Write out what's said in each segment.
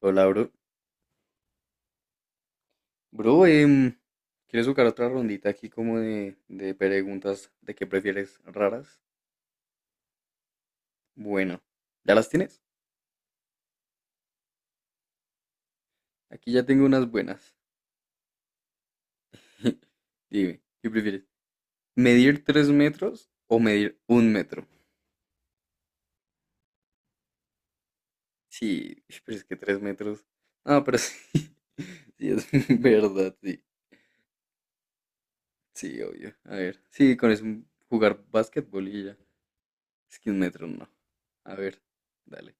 Hola, bro. Bro, ¿quieres jugar otra rondita aquí como de preguntas de qué prefieres raras? Bueno, ¿ya las tienes? Aquí ya tengo unas buenas. Dime, ¿qué prefieres? ¿Medir 3 metros o medir 1 metro? Sí, pero es que 3 metros. Ah, pero sí. Sí, es verdad, sí. Sí, obvio. A ver, sí, con eso jugar básquetbol y ya. Es que 1 metro no. A ver, dale.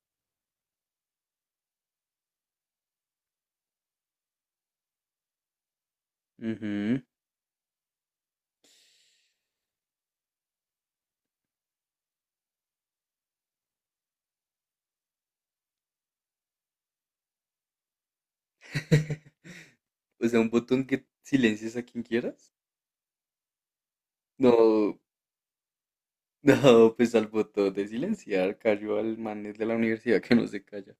Ujú. O sea, un botón que silencias a quien quieras. No, no, pues al botón de silenciar cayó al man de la universidad que no se calla.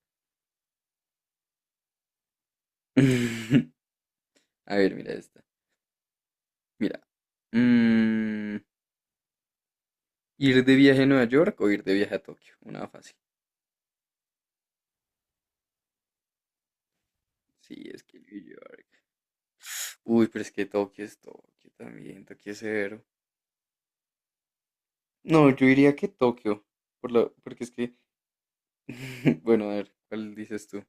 A ver, mira esta. Mira. mm, ¿Ir de viaje a Nueva York o ir de viaje a Tokio? Una fácil. Sí, es que New York. Uy, pero es que Tokio es Tokio también. Tokio es severo. No, yo diría que Tokio. Porque es que. Bueno, a ver, ¿cuál dices tú?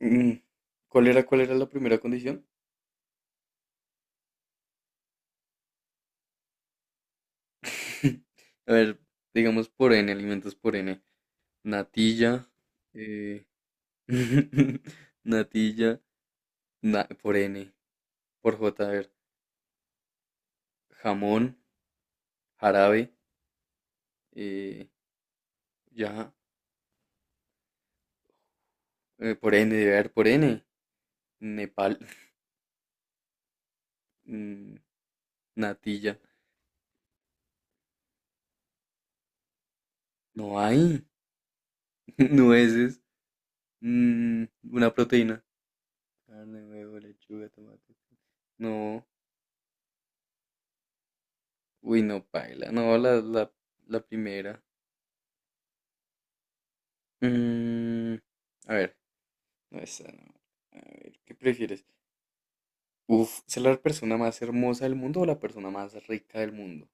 Mm, ¿cuál era la primera condición? A ver, digamos por N, alimentos por N. Natilla, eh, natilla, por N, por J, a ver, jamón, jarabe, eh, ya, por N, debe haber por N, Nepal, mm, natilla, no hay, nueces, mm, una proteína, carne, huevo, lechuga, tomate, no, uy, no, paila, no, la primera. Mm, a ver. No, esa no. A ver, ¿qué prefieres? Uf, ¿ser la persona más hermosa del mundo o la persona más rica del mundo?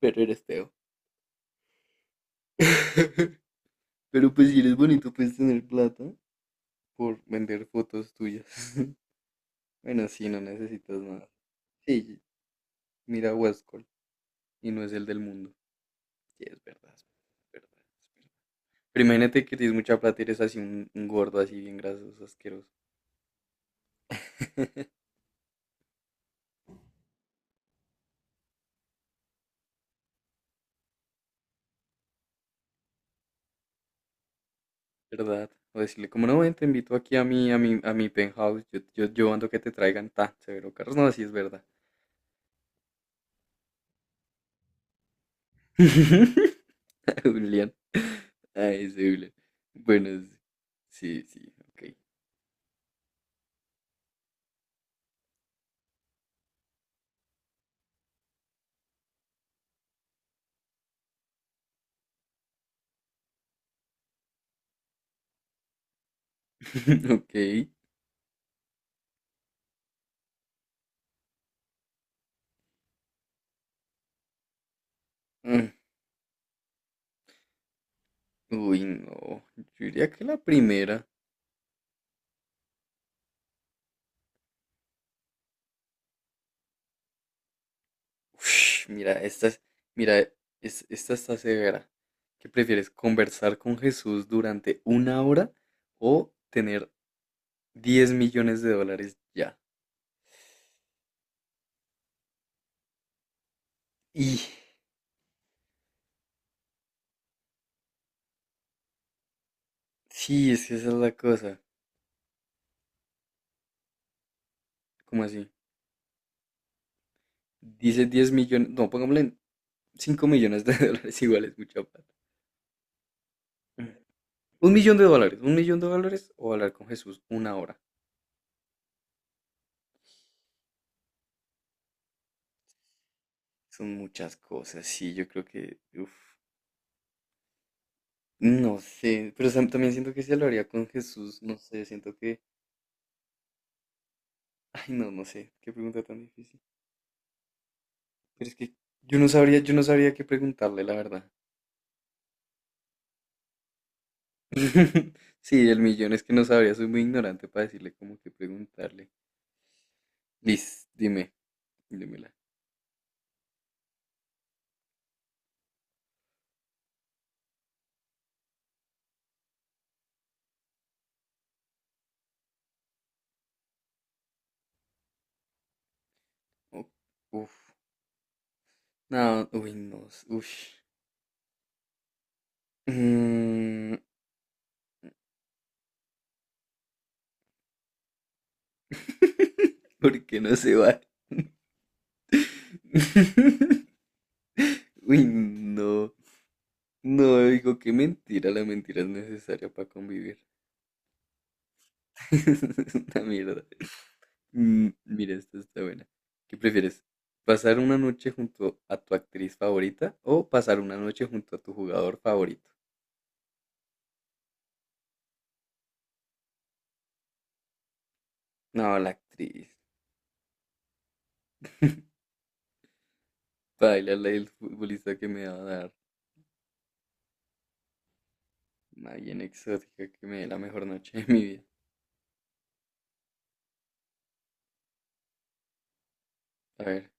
Pero eres feo. Pero pues si eres bonito, puedes tener plata. Por vender fotos tuyas. Bueno, sí, no necesitas nada. Sí, mira Westcol y no es el del mundo. Sí, es verdad, es verdad, es verdad. Pero imagínate que tienes mucha plata y eres así un gordo, así bien grasoso, asqueroso. ¿Verdad? O decirle, como no, ven, te invito aquí a mi, a mi penthouse. Yo ando que te traigan tan severo carros. No, así es verdad. Julián. Ay, ese Julián. Bueno, sí, sí, sí, ok. Ok. Mm, Uy, no. Yo diría que la primera. Ush, mira, esta es, mira, esta está severa. ¿Qué prefieres? ¿Conversar con Jesús durante una hora o tener 10 millones de dólares ya? Y Sí, es que esa es la cosa. ¿Cómo así? Dice 10 millones, no, pongámosle 5 millones de dólares iguales, mucha plata. Mm. Un millón de dólares, 1 millón de dólares o hablar con Jesús una hora. Son muchas cosas, sí, yo creo que, uf, no sé, pero también siento que si hablaría con Jesús, no sé, siento que, ay no, no sé, qué pregunta tan difícil. Pero es que yo no sabría qué preguntarle, la verdad. Sí, el millón es que no sabría, soy muy ignorante para decirle cómo que preguntarle. Liz, dime, dímela. U- Uf. No, uy, no. Ush. Mm, ¿Por qué no se va? Uy, no. No, digo, qué mentira. La mentira es necesaria para convivir. Es una mierda. Mira, esta está buena. ¿Qué prefieres? ¿Pasar una noche junto a tu actriz favorita o pasar una noche junto a tu jugador favorito? No, la actriz. Baila la del futbolista que me va a dar. Una bien exótica que me dé la mejor noche de mi vida. A ver.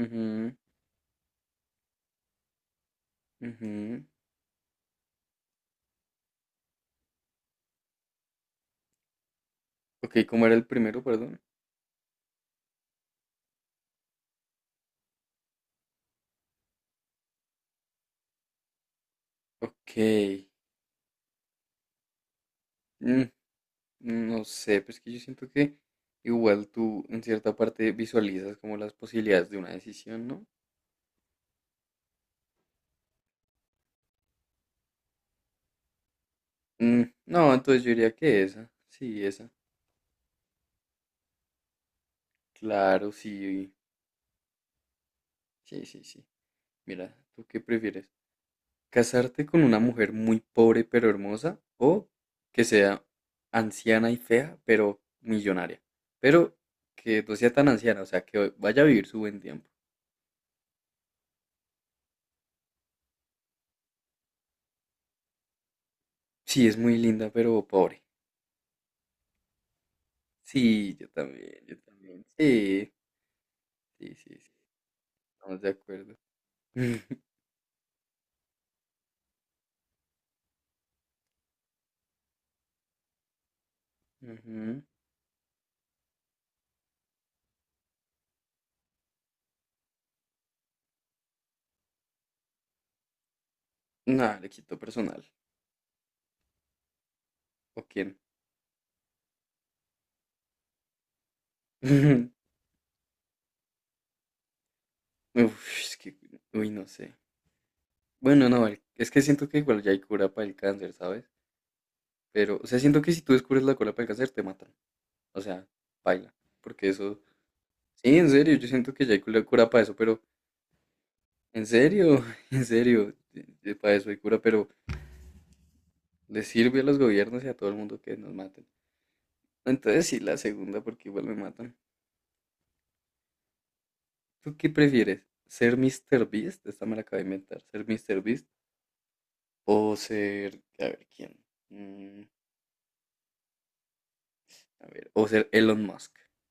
Ujú, ujú. Ok, ¿cómo era el primero, perdón? Ok. mm, no sé, pues que yo siento que igual tú en cierta parte visualizas como las posibilidades de una decisión, ¿no? No, entonces yo diría que esa. Sí, esa. Claro, sí. Sí, sí, sí. Mira, ¿tú qué prefieres? ¿Casarte con una mujer muy pobre pero hermosa o que sea anciana y fea pero millonaria? Pero que no sea tan anciana, o sea, que vaya a vivir su buen tiempo. Sí, es muy linda pero pobre. Sí, yo también, yo también. Sí, sí, sí, sí, estamos de acuerdo. Ujú. Nah, le quito personal. ¿O quién? Uf, es que, uy, no sé. Bueno, no, es que siento que igual ya hay cura para el cáncer, ¿sabes? Pero, o sea, siento que si tú descubres la cura para el cáncer, te matan. O sea, baila. Porque eso, sí, en serio, yo siento que ya hay cura para eso, pero en serio, en serio, para eso hay cura, pero le sirve a los gobiernos y a todo el mundo que nos maten. Entonces sí, la segunda, porque igual me matan. ¿Tú qué prefieres? ¿Ser Mr. Beast? Esta me la acabo de inventar. ¿Ser Mr. Beast? O ser, a ver, ¿quién? Mm, a ver, o ser Elon Musk.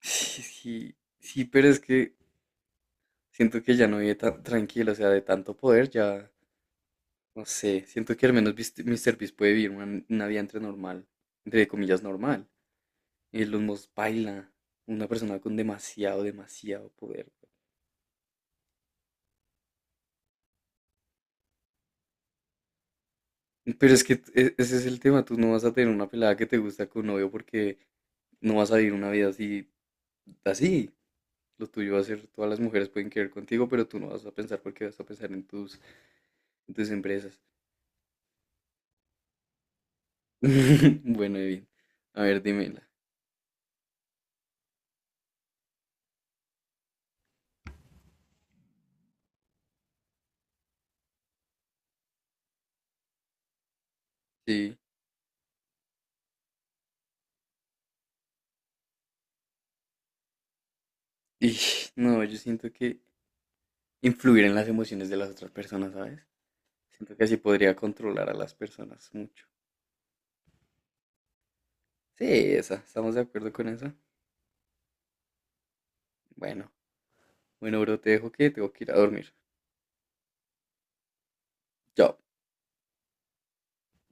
Sí, sí, sí, pero es que siento que ya no vive tan tranquilo, o sea, de tanto poder ya. No sé, siento que al menos Mr. Beast puede vivir una vida entre normal, entre comillas normal. Elon Musk baila, una persona con demasiado, demasiado poder. Pero es que ese es el tema, tú no vas a tener una pelada que te gusta con novio porque no vas a vivir una vida así, así. Lo tuyo va a ser, todas las mujeres pueden querer contigo, pero tú no vas a pensar porque vas a pensar en tus, empresas. Bueno, bien. A ver, dímela. Sí. Y no, yo siento que influir en las emociones de las otras personas, ¿sabes? Siento que así podría controlar a las personas mucho. Sí, esa, estamos de acuerdo con eso. Bueno, bueno, bro, te dejo que tengo que ir a dormir. Chao.